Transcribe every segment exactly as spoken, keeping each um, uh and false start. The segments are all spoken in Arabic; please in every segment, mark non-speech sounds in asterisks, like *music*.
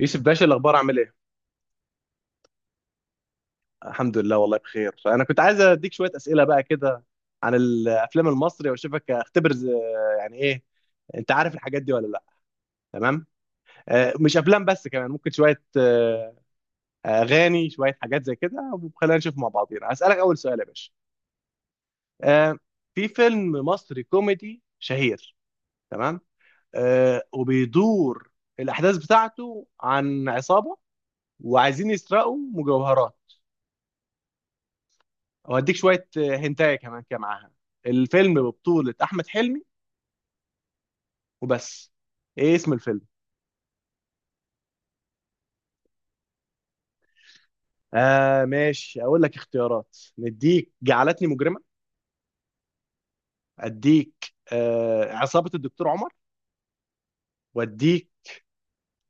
يوسف باشا الاخبار عامل ايه؟ الحمد لله والله بخير. انا كنت عايز اديك شويه اسئله بقى كده عن الافلام المصري واشوفك اختبر ز- يعني ايه، انت عارف الحاجات دي ولا لا؟ تمام. آه، مش افلام بس، كمان ممكن شويه آه، اغاني، شويه حاجات زي كده. وخلينا نشوف مع بعضينا. هسالك اول سؤال يا باشا. آه، في فيلم مصري كوميدي شهير، تمام، آه، وبيدور الاحداث بتاعته عن عصابه وعايزين يسرقوا مجوهرات. واديك شويه هنتايه كمان كده معاها. الفيلم ببطوله احمد حلمي وبس. ايه اسم الفيلم؟ آه ماشي، اقول لك اختيارات. نديك جعلتني مجرمه، اديك آه عصابه الدكتور عمر، واديك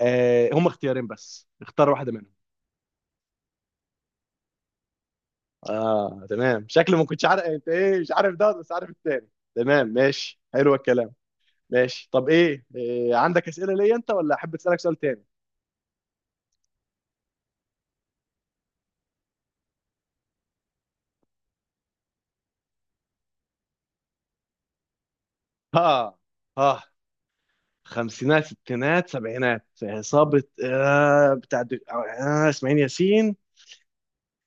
آه هم اختيارين بس، اختار واحده منهم. اه تمام، شكلي ما كنتش عارف انت ايه، مش عارف ده بس عارف التاني. تمام ماشي، حلو الكلام. ماشي، طب ايه, إيه، عندك اسئله ليا انت ولا احب اسالك سؤال تاني؟ ها ها، خمسينات ستينات سبعينات، عصابة آه بتاع دك... آه اسماعيل ياسين.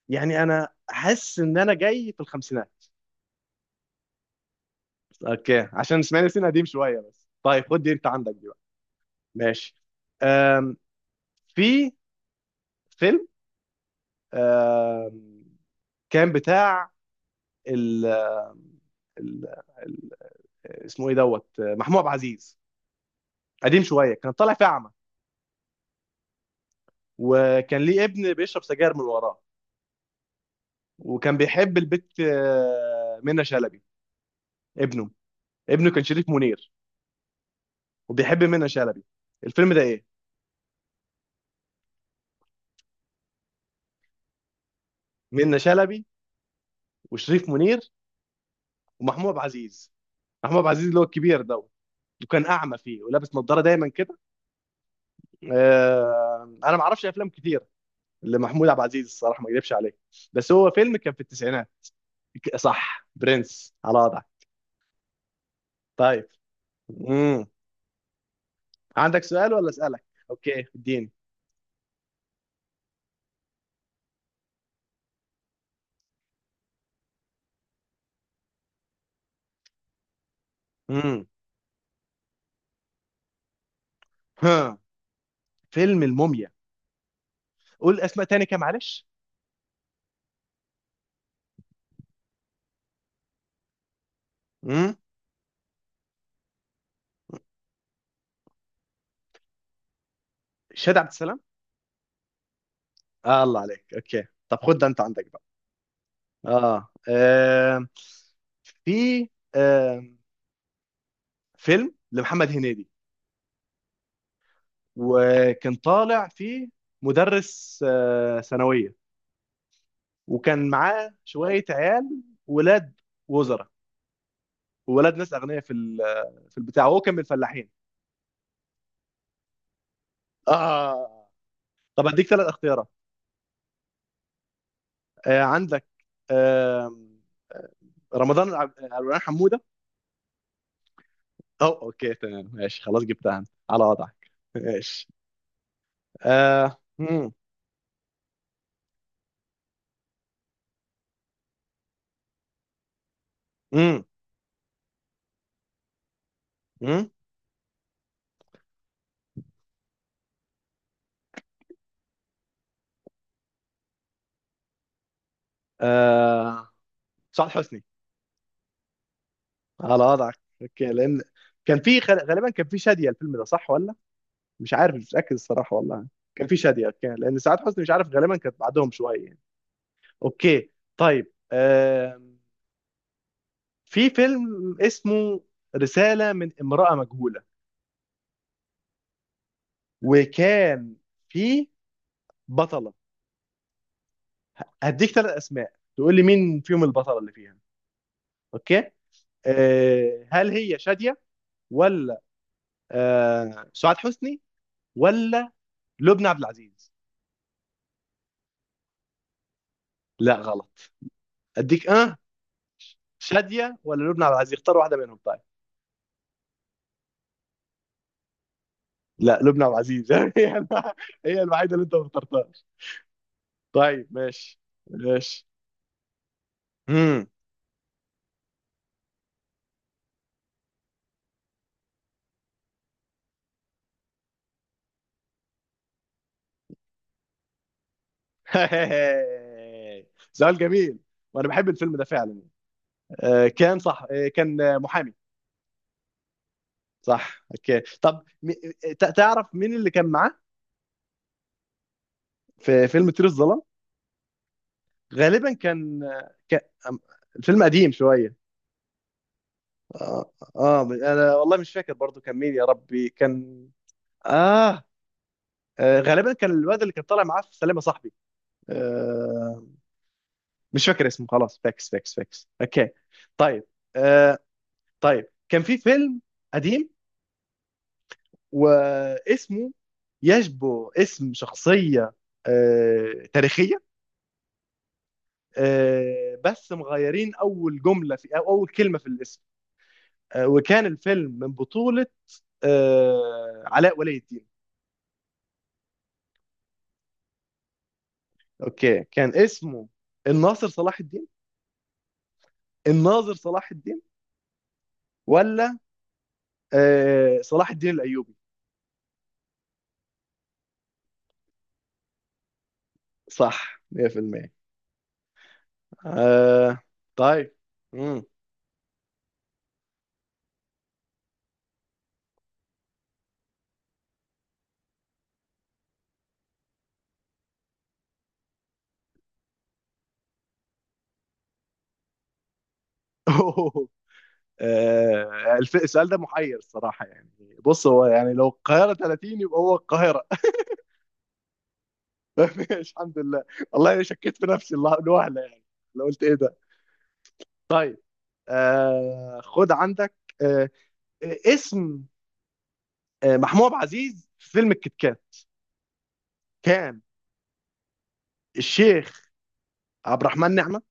يعني أنا أحس إن أنا جاي في الخمسينات. أوكي، عشان اسماعيل ياسين قديم شوية. بس طيب خد دي، أنت عندك دي بقى؟ ماشي. آم في فيلم، آم كان بتاع ال... ال... ال... اسمه إيه دوت، آه، محمود عبد العزيز. قديم شوية، كان طالع في أعمى، وكان ليه ابن بيشرب سجاير من وراه. وكان بيحب البت آه، منة شلبي. ابنه، ابنه كان شريف منير، وبيحب منة شلبي. الفيلم ده ايه؟ منة شلبي وشريف منير ومحمود عبد العزيز. محمود عبد العزيز اللي هو الكبير ده، وكان اعمى فيه ولابس نظاره دايما كده. آه انا ما اعرفش افلام كتير لمحمود عبد العزيز الصراحه، ما اكذبش عليك، بس هو فيلم كان في التسعينات. ك- صح، برنس، على وضعك. طيب. امم. عندك سؤال ولا اسالك؟ اوكي اديني. امم. ها، فيلم الموميا. قول اسماء تاني كده معلش. امم. شاد عبد السلام. آه الله عليك، اوكي. طب خد ده انت عندك بقى. اه, آه. في آه. فيلم لمحمد هنيدي، وكان طالع فيه مدرس آه ثانوية، وكان معاه شوية عيال، ولاد وزراء وولاد ناس أغنياء في ال- في البتاع، وهو كان من الفلاحين. اه. طب هديك ثلاث اختيارات. آه عندك آه رمضان، عب- عبد الرحمن حمودة، أو أوكي. تمام ماشي، خلاص جبتها أنا، على وضعك ماشي. آه. مم. مم. مم. آه. سعاد حسني. على وضعك. اوكي، لان كان في غال- غالبا كان في شاديه الفيلم ده، صح ولا؟ مش عارف، مش متاكد الصراحه والله. كان في شاديه، اوكي، لان سعاد حسني مش عارف غالبا كانت بعدهم شويه يعني. اوكي. طيب آه. في فيلم اسمه رساله من امراه مجهوله، وكان في بطله. هديك ثلاث اسماء تقول لي مين فيهم البطله اللي فيها. اوكي. آه. هل هي شاديه، ولا آه سعاد حسني، ولا لبنى عبد العزيز؟ لا غلط. اديك اه، شادية ولا لبنى عبد العزيز، اختار واحدة منهم طيب. لا لبنى عبد العزيز *laughs* هي الم- هي الوحيدة اللي انت ما اخترتهاش. طيب ماشي. ماشي. امم. *laughs* سؤال جميل، وانا بحب الفيلم ده فعلا. آه كان صح، آه كان آه، محامي. صح اوكي. طب م- ت- تعرف مين اللي كان معاه في فيلم طير الظلام؟ غالبا كان كان- الفيلم قديم شوية. اه, آه انا والله مش فاكر برضو كان مين، يا ربي كان، اه, آه غالبا كان الواد اللي كان طالع معاه في سلامة صاحبي. آه مش فاكر اسمه، خلاص، فاكس فاكس فاكس اوكي. طيب. آه طيب كان في فيلم قديم، واسمه يشبه اسم شخصية آه تاريخية، آه بس مغيرين أول جملة في أو أول كلمة في الاسم، آه وكان الفيلم من بطولة آه علاء ولي الدين. اوكي، كان اسمه الناصر صلاح الدين، الناظر صلاح الدين، ولا آه صلاح الدين الايوبي؟ صح مية في المية. آه. طيب. امم. *laughs* آه الف- السؤال ده محير الصراحه يعني. بص، هو يعني لو القاهره ثلاثين يبقى هو القاهره. *laughs* ماشي الحمد لله. والله انا شكيت في نفسي الله- الوهله يعني، لو قلت ايه ده. طيب، آه خد عندك آه اسم آه محمود عبد العزيز في فيلم الكتكات. كان الشيخ عبد الرحمن نعمة،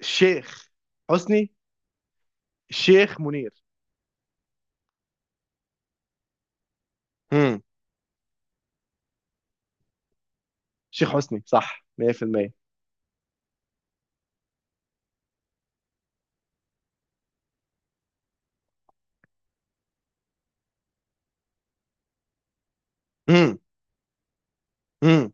الشيخ حسني، الشيخ منير. امم. الشيخ حسني صح مية في المية. امم. امم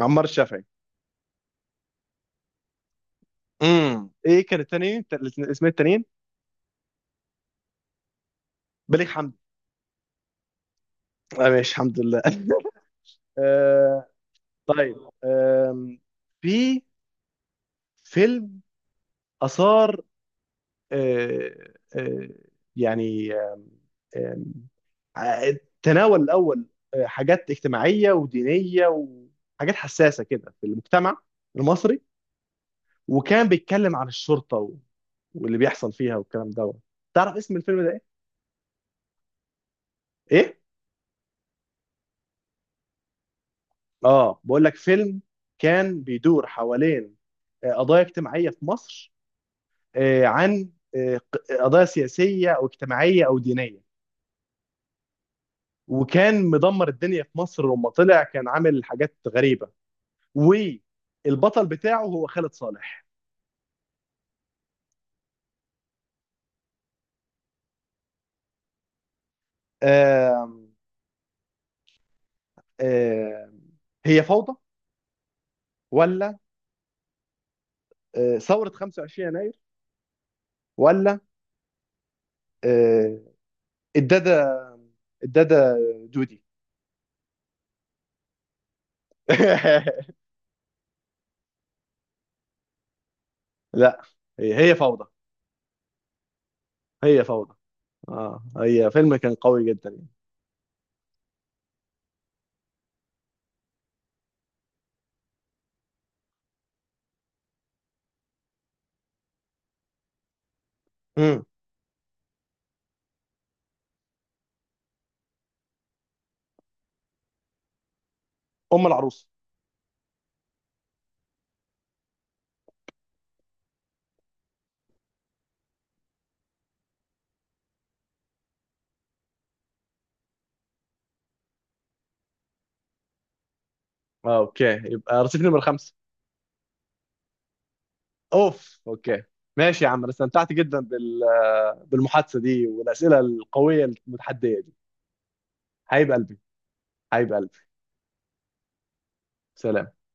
عمار الشافعي. امم ايه كان التاني الت- الاسم- اسمين التانيين؟ بليغ حمدي. آه ماشي الحمد لله. *laughs* آه. طيب آم، في فيلم اثار آه آه يعني، آم، آم، ع- تناول الاول آه، حاجات اجتماعيه ودينيه وحاجات حساسه كده في المجتمع المصري، وكان بيتكلم عن الشرطه و واللي بيحصل فيها والكلام دوت. تعرف اسم الفيلم ده ايه؟ ايه؟ اه بقول لك فيلم كان بيدور حوالين آه، قضايا اجتماعيه في مصر، آه، عن آه، ق- قضايا سياسيه او اجتماعيه او دينيه، وكان مدمر الدنيا في مصر لما طلع، كان عامل حاجات غريبه، والبطل بتاعه هو خالد صالح. آم، آم، هي فوضى، ولا آه، ثوره خمسة وعشرين يناير، ولا آه، الداده الدادا دودي؟ *laughs* لا، هي هي فوضى. هي فوضى. اه، هي فيلم كان قوي جدا يعني. مم. ام العروس. آه اوكي، يبقى رصيف نمرة خمسة. اوف اوكي. ماشي يا عم، انا استمتعت جدا بال بالمحادثة دي والاسئلة القوية المتحدية دي. حبيب قلبي، حبيب قلبي. سلام.